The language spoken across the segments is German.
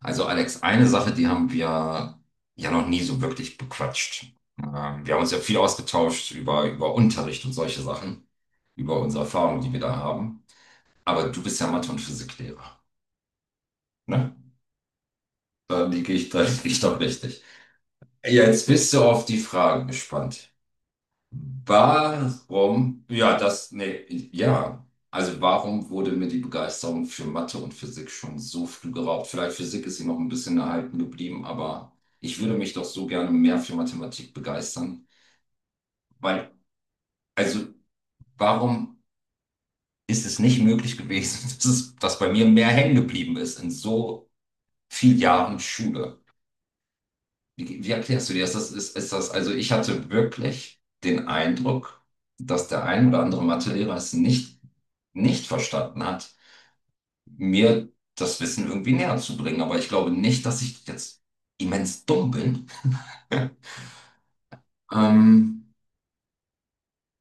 Also Alex, eine Sache, die haben wir ja noch nie so wirklich bequatscht. Wir haben uns ja viel ausgetauscht über Unterricht und solche Sachen, über unsere Erfahrungen, die wir da haben. Aber du bist ja Mathe- und Physiklehrer, ne? Da liege ich, da liege ich doch richtig. Jetzt bist du auf die Frage gespannt. Warum? Ja, das, nee, ja. Also warum wurde mir die Begeisterung für Mathe und Physik schon so früh geraubt? Vielleicht Physik ist sie noch ein bisschen erhalten geblieben, aber ich würde mich doch so gerne mehr für Mathematik begeistern. Weil, also warum ist es nicht möglich gewesen, dass bei mir mehr hängen geblieben ist in so vielen Jahren Schule? Wie erklärst du dir das? Also ich hatte wirklich den Eindruck, dass der ein oder andere Mathelehrer es nicht verstanden hat, mir das Wissen irgendwie näher zu bringen. Aber ich glaube nicht, dass ich jetzt immens dumm bin. Ähm,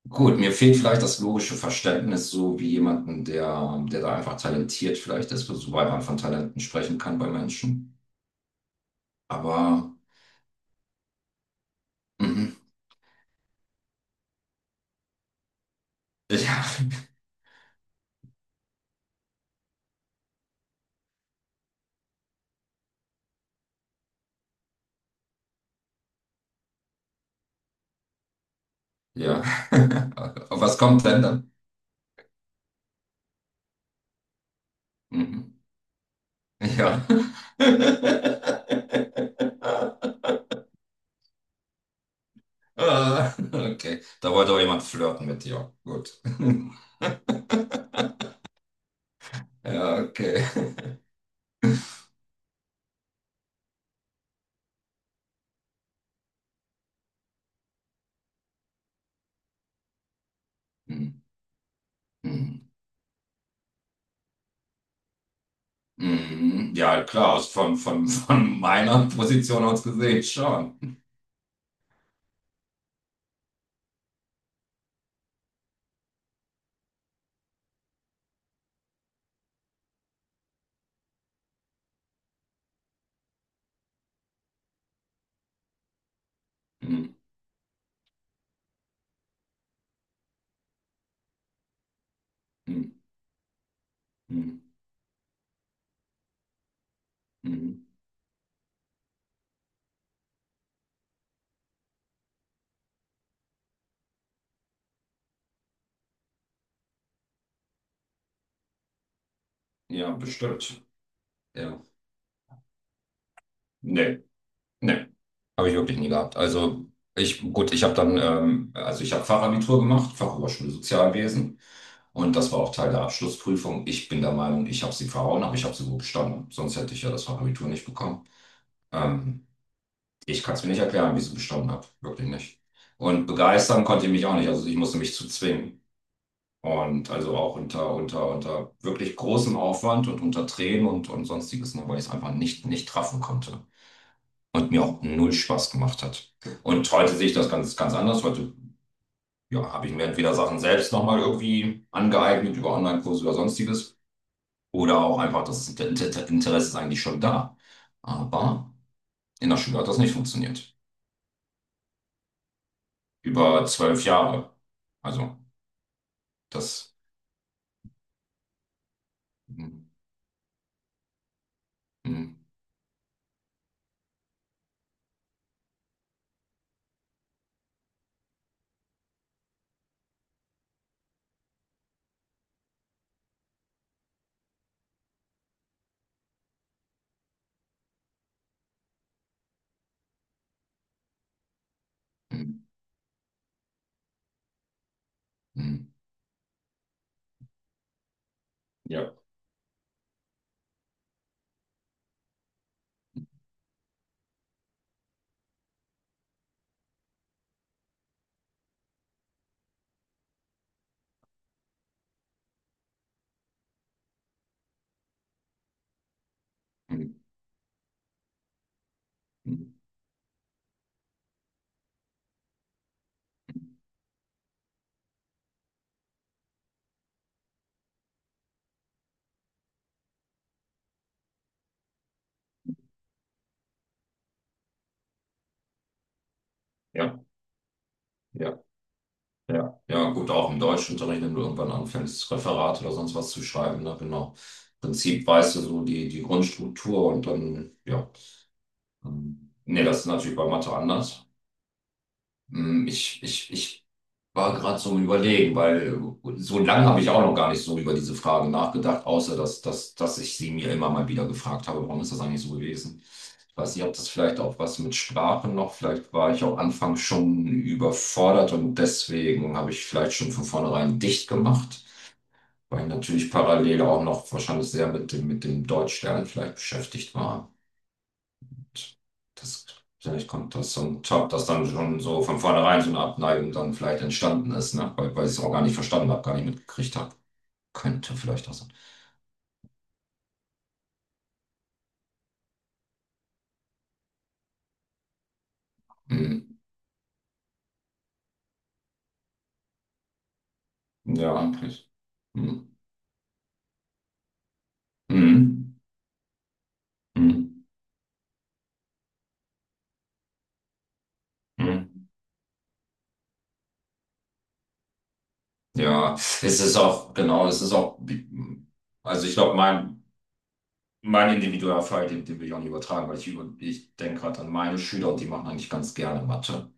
gut, mir fehlt vielleicht das logische Verständnis, so wie jemanden, der da einfach talentiert vielleicht ist, soweit man von Talenten sprechen kann bei Menschen. Aber mhm. Ja, ja. Was kommt denn dann? Mhm. Ja. Ah, okay, da wollte auch jemand flirten mit dir. Gut. Ja, okay. Hm, hm, hm. Ja, klar, von meiner Position aus gesehen schon. Hm, hm, hm, hm. Ja, bestimmt. Ja. Nee, nee. Habe ich wirklich nie gehabt. Gut, also ich habe Fachabitur gemacht, Fachoberschule Sozialwesen. Und das war auch Teil der Abschlussprüfung. Ich bin der Meinung, ich habe sie verhauen, aber ich habe sie gut bestanden. Sonst hätte ich ja das Fachabitur nicht bekommen. Ähm, Ich kann es mir nicht erklären, wie ich sie bestanden habe. Wirklich nicht. Und begeistern konnte ich mich auch nicht. Also ich musste mich zu zwingen. Und also auch unter wirklich großem Aufwand und unter Tränen und sonstiges, ne, weil ich es einfach nicht treffen konnte und mir auch null Spaß gemacht hat. Und heute sehe ich das ganz, ganz anders. Heute, ja, habe ich mir entweder Sachen selbst nochmal irgendwie angeeignet über Online-Kurse oder sonstiges oder auch einfach das Interesse ist eigentlich schon da. Aber in der Schule hat das nicht funktioniert. Über 12 Jahre. Also, das. Mm, mm, mm, mm. Ja. Mm, mm, ja. Ja. Ja, ja, gut, auch im Deutschunterricht, wenn du irgendwann anfängst, Referat oder sonst was zu schreiben, ne, genau. Im Prinzip weißt du so die Grundstruktur und dann, ja. ähm, Nee, das ist natürlich bei Mathe anders. Hm. Ich war gerade so im Überlegen, weil so lange habe ich auch noch gar nicht so über diese Frage nachgedacht, außer dass ich sie mir immer mal wieder gefragt habe, warum ist das eigentlich so gewesen? Ich weiß nicht, ob das vielleicht auch was mit Sprachen noch, vielleicht war ich auch anfangs schon überfordert und deswegen habe ich vielleicht schon von vornherein dicht gemacht, weil ich natürlich parallel auch noch wahrscheinlich sehr mit dem Deutschlernen vielleicht beschäftigt war. Das, Vielleicht kommt das zum Top, dass dann schon so von vornherein so eine Abneigung dann vielleicht entstanden ist, ne? Weil ich es auch gar nicht verstanden habe, gar nicht mitgekriegt habe. Könnte vielleicht auch sein. Hm. Ja, eigentlich. Hm. Hm. Hm. Hm. Ja, es ist auch, genau, es ist auch, also ich glaube, mein individueller Fall, den will ich auch nicht übertragen, weil ich denke gerade an meine Schüler und die machen eigentlich ganz gerne Mathe.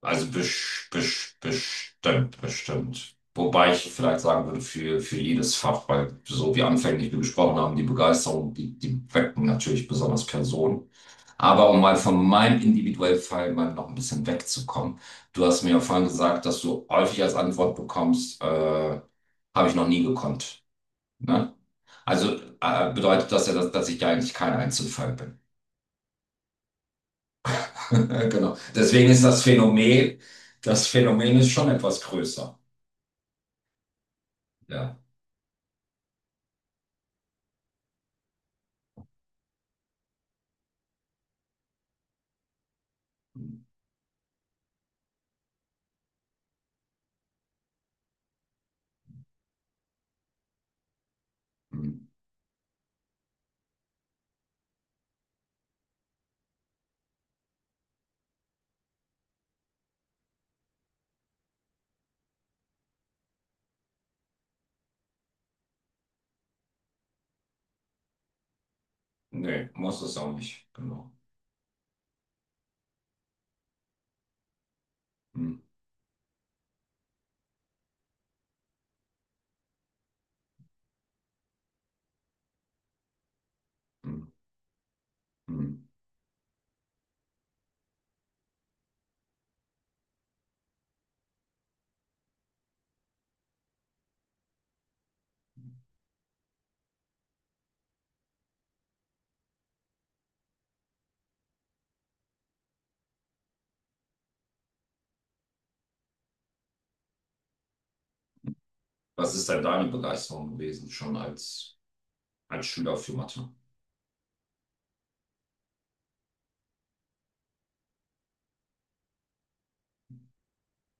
Also bestimmt. Wobei ich vielleicht sagen würde, für jedes Fach, weil so wie anfänglich wir gesprochen haben, die Begeisterung, die wecken natürlich besonders Personen. Aber um mal von meinem individuellen Fall mal noch ein bisschen wegzukommen, du hast mir ja vorhin gesagt, dass du häufig als Antwort bekommst, habe ich noch nie gekonnt. Ne? Also bedeutet das ja, dass ich ja eigentlich kein Einzelfall bin. Genau. Deswegen ist das Phänomen ist schon etwas größer. Ja. Hm. Nee, muss es auch nicht. Genau. Hm. Hm. Hm. Was ist denn deine Begeisterung gewesen, schon als Schüler für Mathe?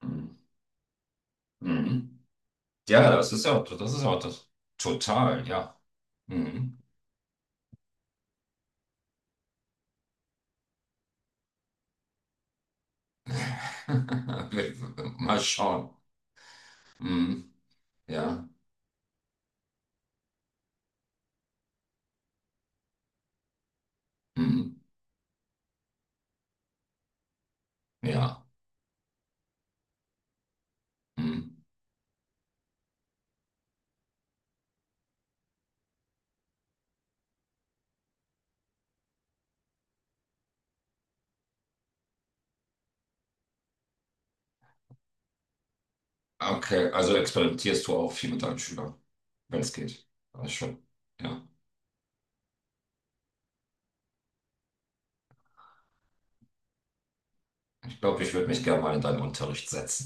Hm. Mhm. Ja, das ist ja auch das. Total, ja. Mhm. Wir- Mal schauen. Mhm. Ja. Mhm. Ja. Mhm. Okay, also experimentierst du auch viel mit deinen Schülern, wenn es geht. Also schon. Ja. Ich glaube, ich würde mich gerne mal in deinen Unterricht setzen.